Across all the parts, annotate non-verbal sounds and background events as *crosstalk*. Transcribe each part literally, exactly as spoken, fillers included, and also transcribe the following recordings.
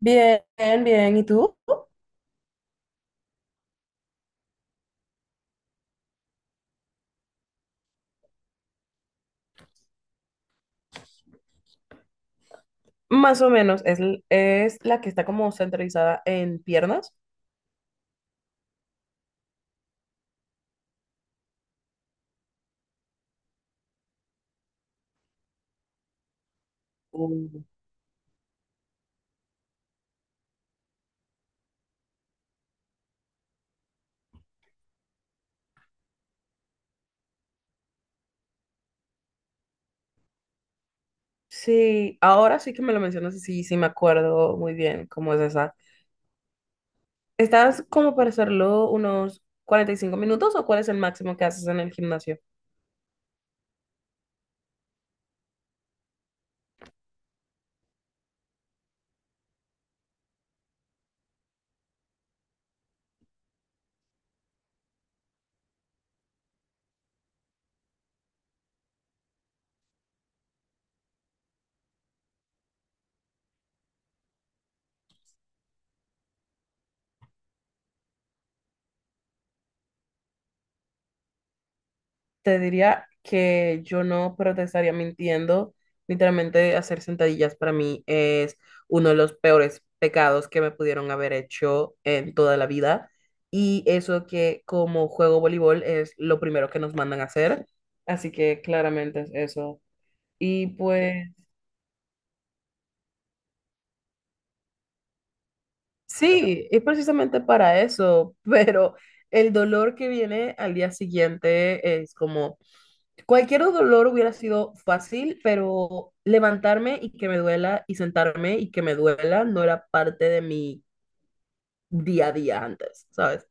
Bien, bien. ¿Y tú? Más o menos. Es, l- es la que está como centralizada en piernas. Mm. Sí, ahora sí que me lo mencionas y sí, sí me acuerdo muy bien cómo es esa. ¿Estás como para hacerlo unos cuarenta y cinco minutos o cuál es el máximo que haces en el gimnasio? Te diría que yo no, pero te estaría mintiendo. Literalmente hacer sentadillas para mí es uno de los peores pecados que me pudieron haber hecho en toda la vida. Y eso que como juego voleibol es lo primero que nos mandan a hacer. Así que claramente es eso. Y pues... Sí, es precisamente para eso, *laughs* pero el dolor que viene al día siguiente es como... Cualquier dolor hubiera sido fácil, pero levantarme y que me duela y sentarme y que me duela no era parte de mi día a día antes, ¿sabes?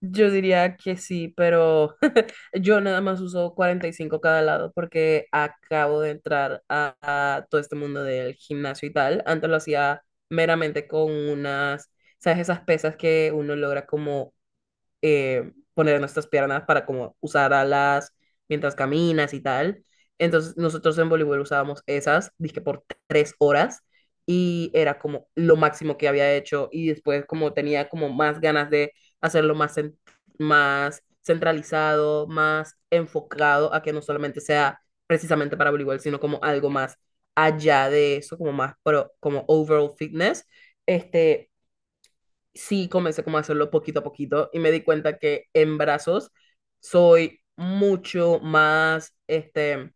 Yo diría que sí, pero yo nada más uso cuarenta y cinco cada lado porque acabo de entrar a, a todo este mundo del gimnasio y tal. Antes lo hacía meramente con unas, ¿sabes? Esas pesas que uno logra como eh, poner nuestras piernas para como usar alas mientras caminas y tal. Entonces nosotros en voleibol usábamos esas, dije, por tres horas y era como lo máximo que había hecho y después como tenía como más ganas de hacerlo más, cen- más centralizado, más enfocado a que no solamente sea precisamente para voleibol, sino como algo más allá de eso, como más pro, como overall fitness. Este, sí comencé como a hacerlo poquito a poquito y me di cuenta que en brazos soy mucho más este,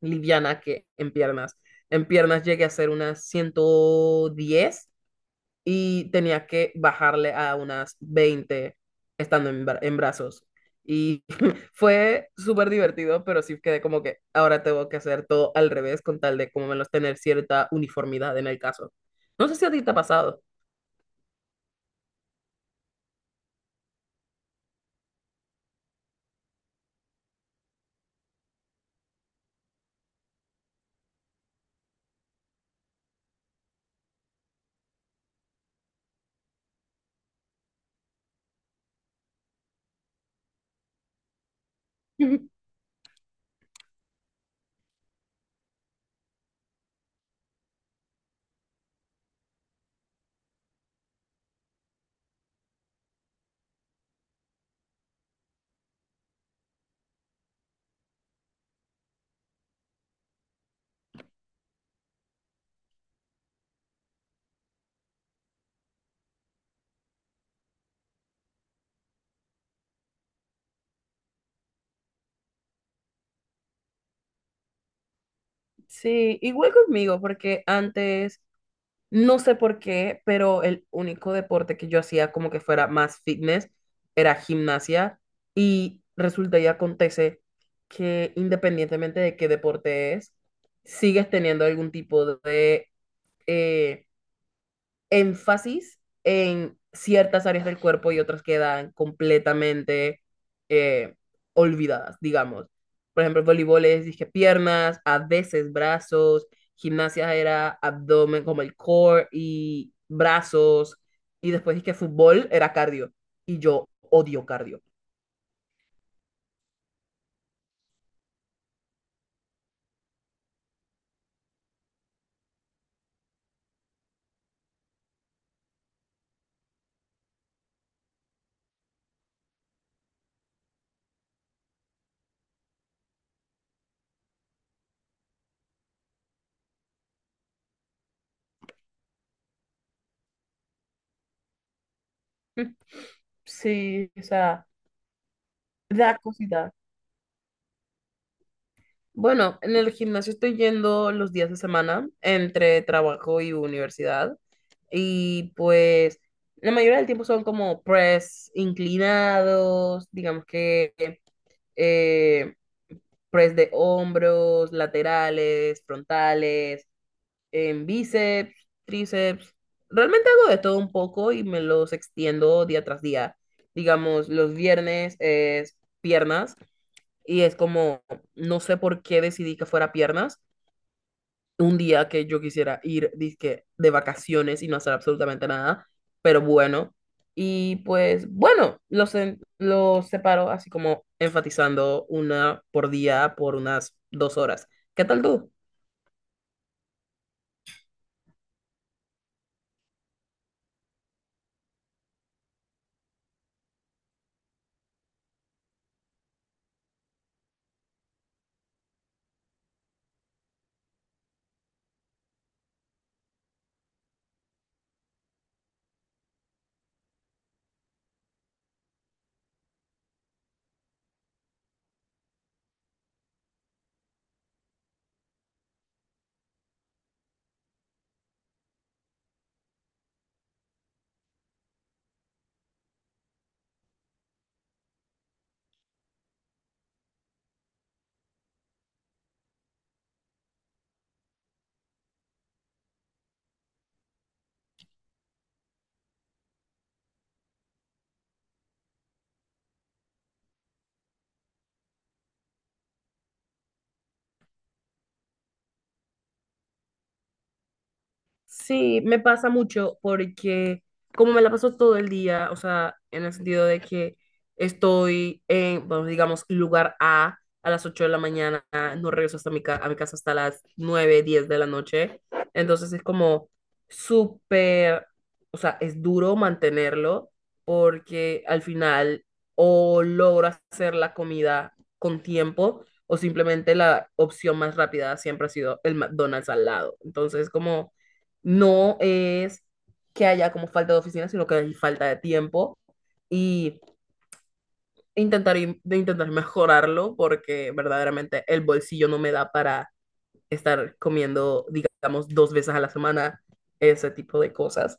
liviana que en piernas. En piernas llegué a hacer unas ciento diez y tenía que bajarle a unas veinte estando en, bra- en brazos. Y *laughs* fue súper divertido, pero sí quedé como que ahora tengo que hacer todo al revés con tal de como menos tener cierta uniformidad en el caso. No sé si a ti te ha pasado. *laughs* Sí, igual conmigo, porque antes, no sé por qué, pero el único deporte que yo hacía como que fuera más fitness era gimnasia y resulta y acontece que independientemente de qué deporte es, sigues teniendo algún tipo de, eh, énfasis en ciertas áreas del cuerpo y otras quedan completamente eh, olvidadas, digamos. Por ejemplo, voleibol es, dije, piernas, a veces brazos; gimnasia era abdomen, como el core y brazos, y después dije, fútbol era cardio, y yo odio cardio. *laughs* Sí, o sea, da cosita. Bueno, en el gimnasio estoy yendo los días de semana entre trabajo y universidad. Y pues la mayoría del tiempo son como press inclinados, digamos que eh, press de hombros, laterales, frontales, en bíceps, tríceps. Realmente hago de todo un poco y me los extiendo día tras día. Digamos, los viernes es piernas, y es como, no sé por qué decidí que fuera piernas un día que yo quisiera ir dizque, de vacaciones y no hacer absolutamente nada, pero bueno. Y pues bueno, los, en- los separo así como enfatizando una por día por unas dos horas. ¿Qué tal tú? Sí, me pasa mucho porque como me la paso todo el día, o sea, en el sentido de que estoy en, bueno, digamos, lugar A a las ocho de la mañana, no regreso hasta mi ca- a mi casa hasta las nueve diez de la noche, entonces es como súper, o sea, es duro mantenerlo porque al final o logro hacer la comida con tiempo o simplemente la opción más rápida siempre ha sido el McDonald's al lado, entonces como no es que haya como falta de oficina, sino que hay falta de tiempo y intentar, de intentar mejorarlo porque verdaderamente el bolsillo no me da para estar comiendo, digamos, dos veces a la semana ese tipo de cosas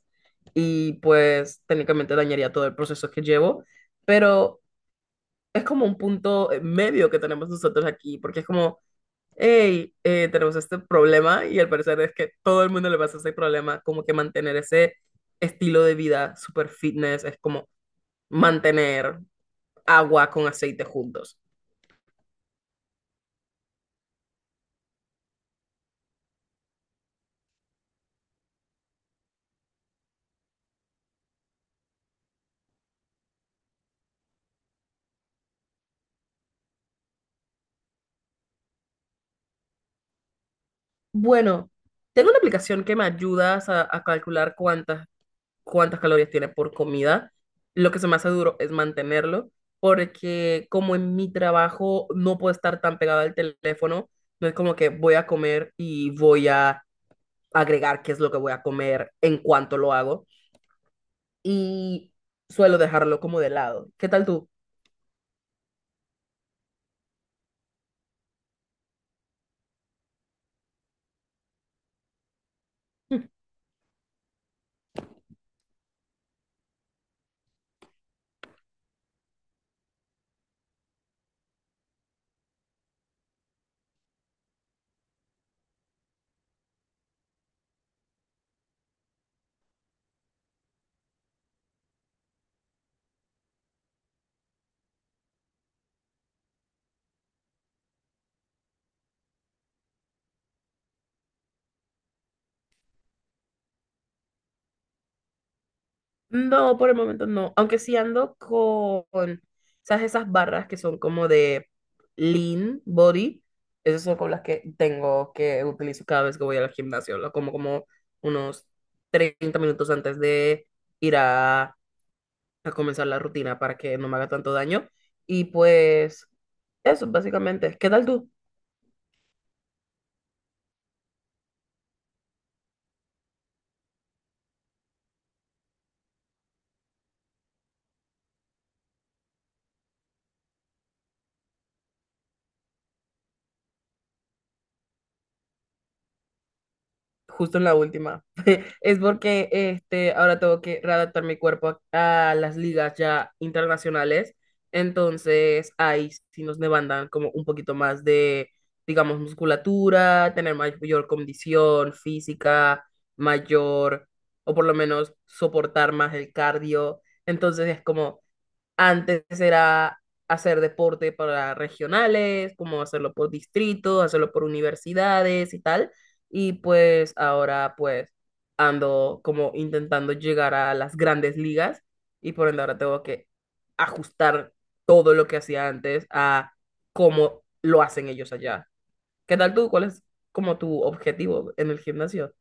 y pues técnicamente dañaría todo el proceso que llevo, pero es como un punto eh, medio que tenemos nosotros aquí porque es como hey, eh, tenemos este problema y al parecer es que todo el mundo le pasa ese problema, como que mantener ese estilo de vida super fitness es como mantener agua con aceite juntos. Bueno, tengo una aplicación que me ayuda a, a calcular cuántas, cuántas calorías tiene por comida. Lo que se me hace duro es mantenerlo, porque como en mi trabajo no puedo estar tan pegado al teléfono, no es como que voy a comer y voy a agregar qué es lo que voy a comer en cuanto lo hago y suelo dejarlo como de lado. ¿Qué tal tú? No, por el momento no. Aunque sí ando con, ¿sabes? Esas barras que son como de lean body. Esas son con las que tengo que utilizo cada vez que voy al gimnasio. Lo como como unos treinta minutos antes de ir a, a comenzar la rutina para que no me haga tanto daño. Y pues eso, básicamente. ¿Qué tal tú? Justo en la última. Es porque este, ahora tengo que readaptar mi cuerpo a, a las ligas ya internacionales. Entonces, ahí sí nos demandan como un poquito más de, digamos, musculatura, tener mayor condición física, mayor, o por lo menos soportar más el cardio. Entonces, es como, antes era hacer deporte para regionales, como hacerlo por distrito, hacerlo por universidades y tal. Y pues ahora pues ando como intentando llegar a las grandes ligas y por ende ahora tengo que ajustar todo lo que hacía antes a cómo lo hacen ellos allá. ¿Qué tal tú? ¿Cuál es como tu objetivo en el gimnasio?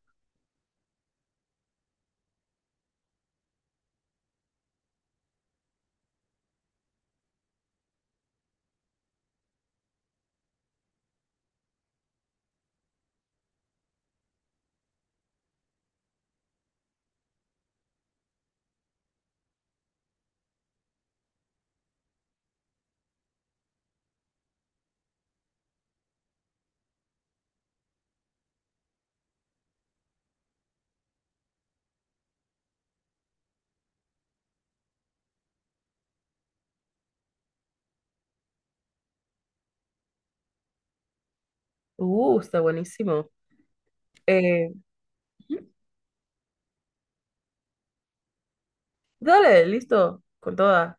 Uh, está buenísimo. Eh, Dale, listo, con toda.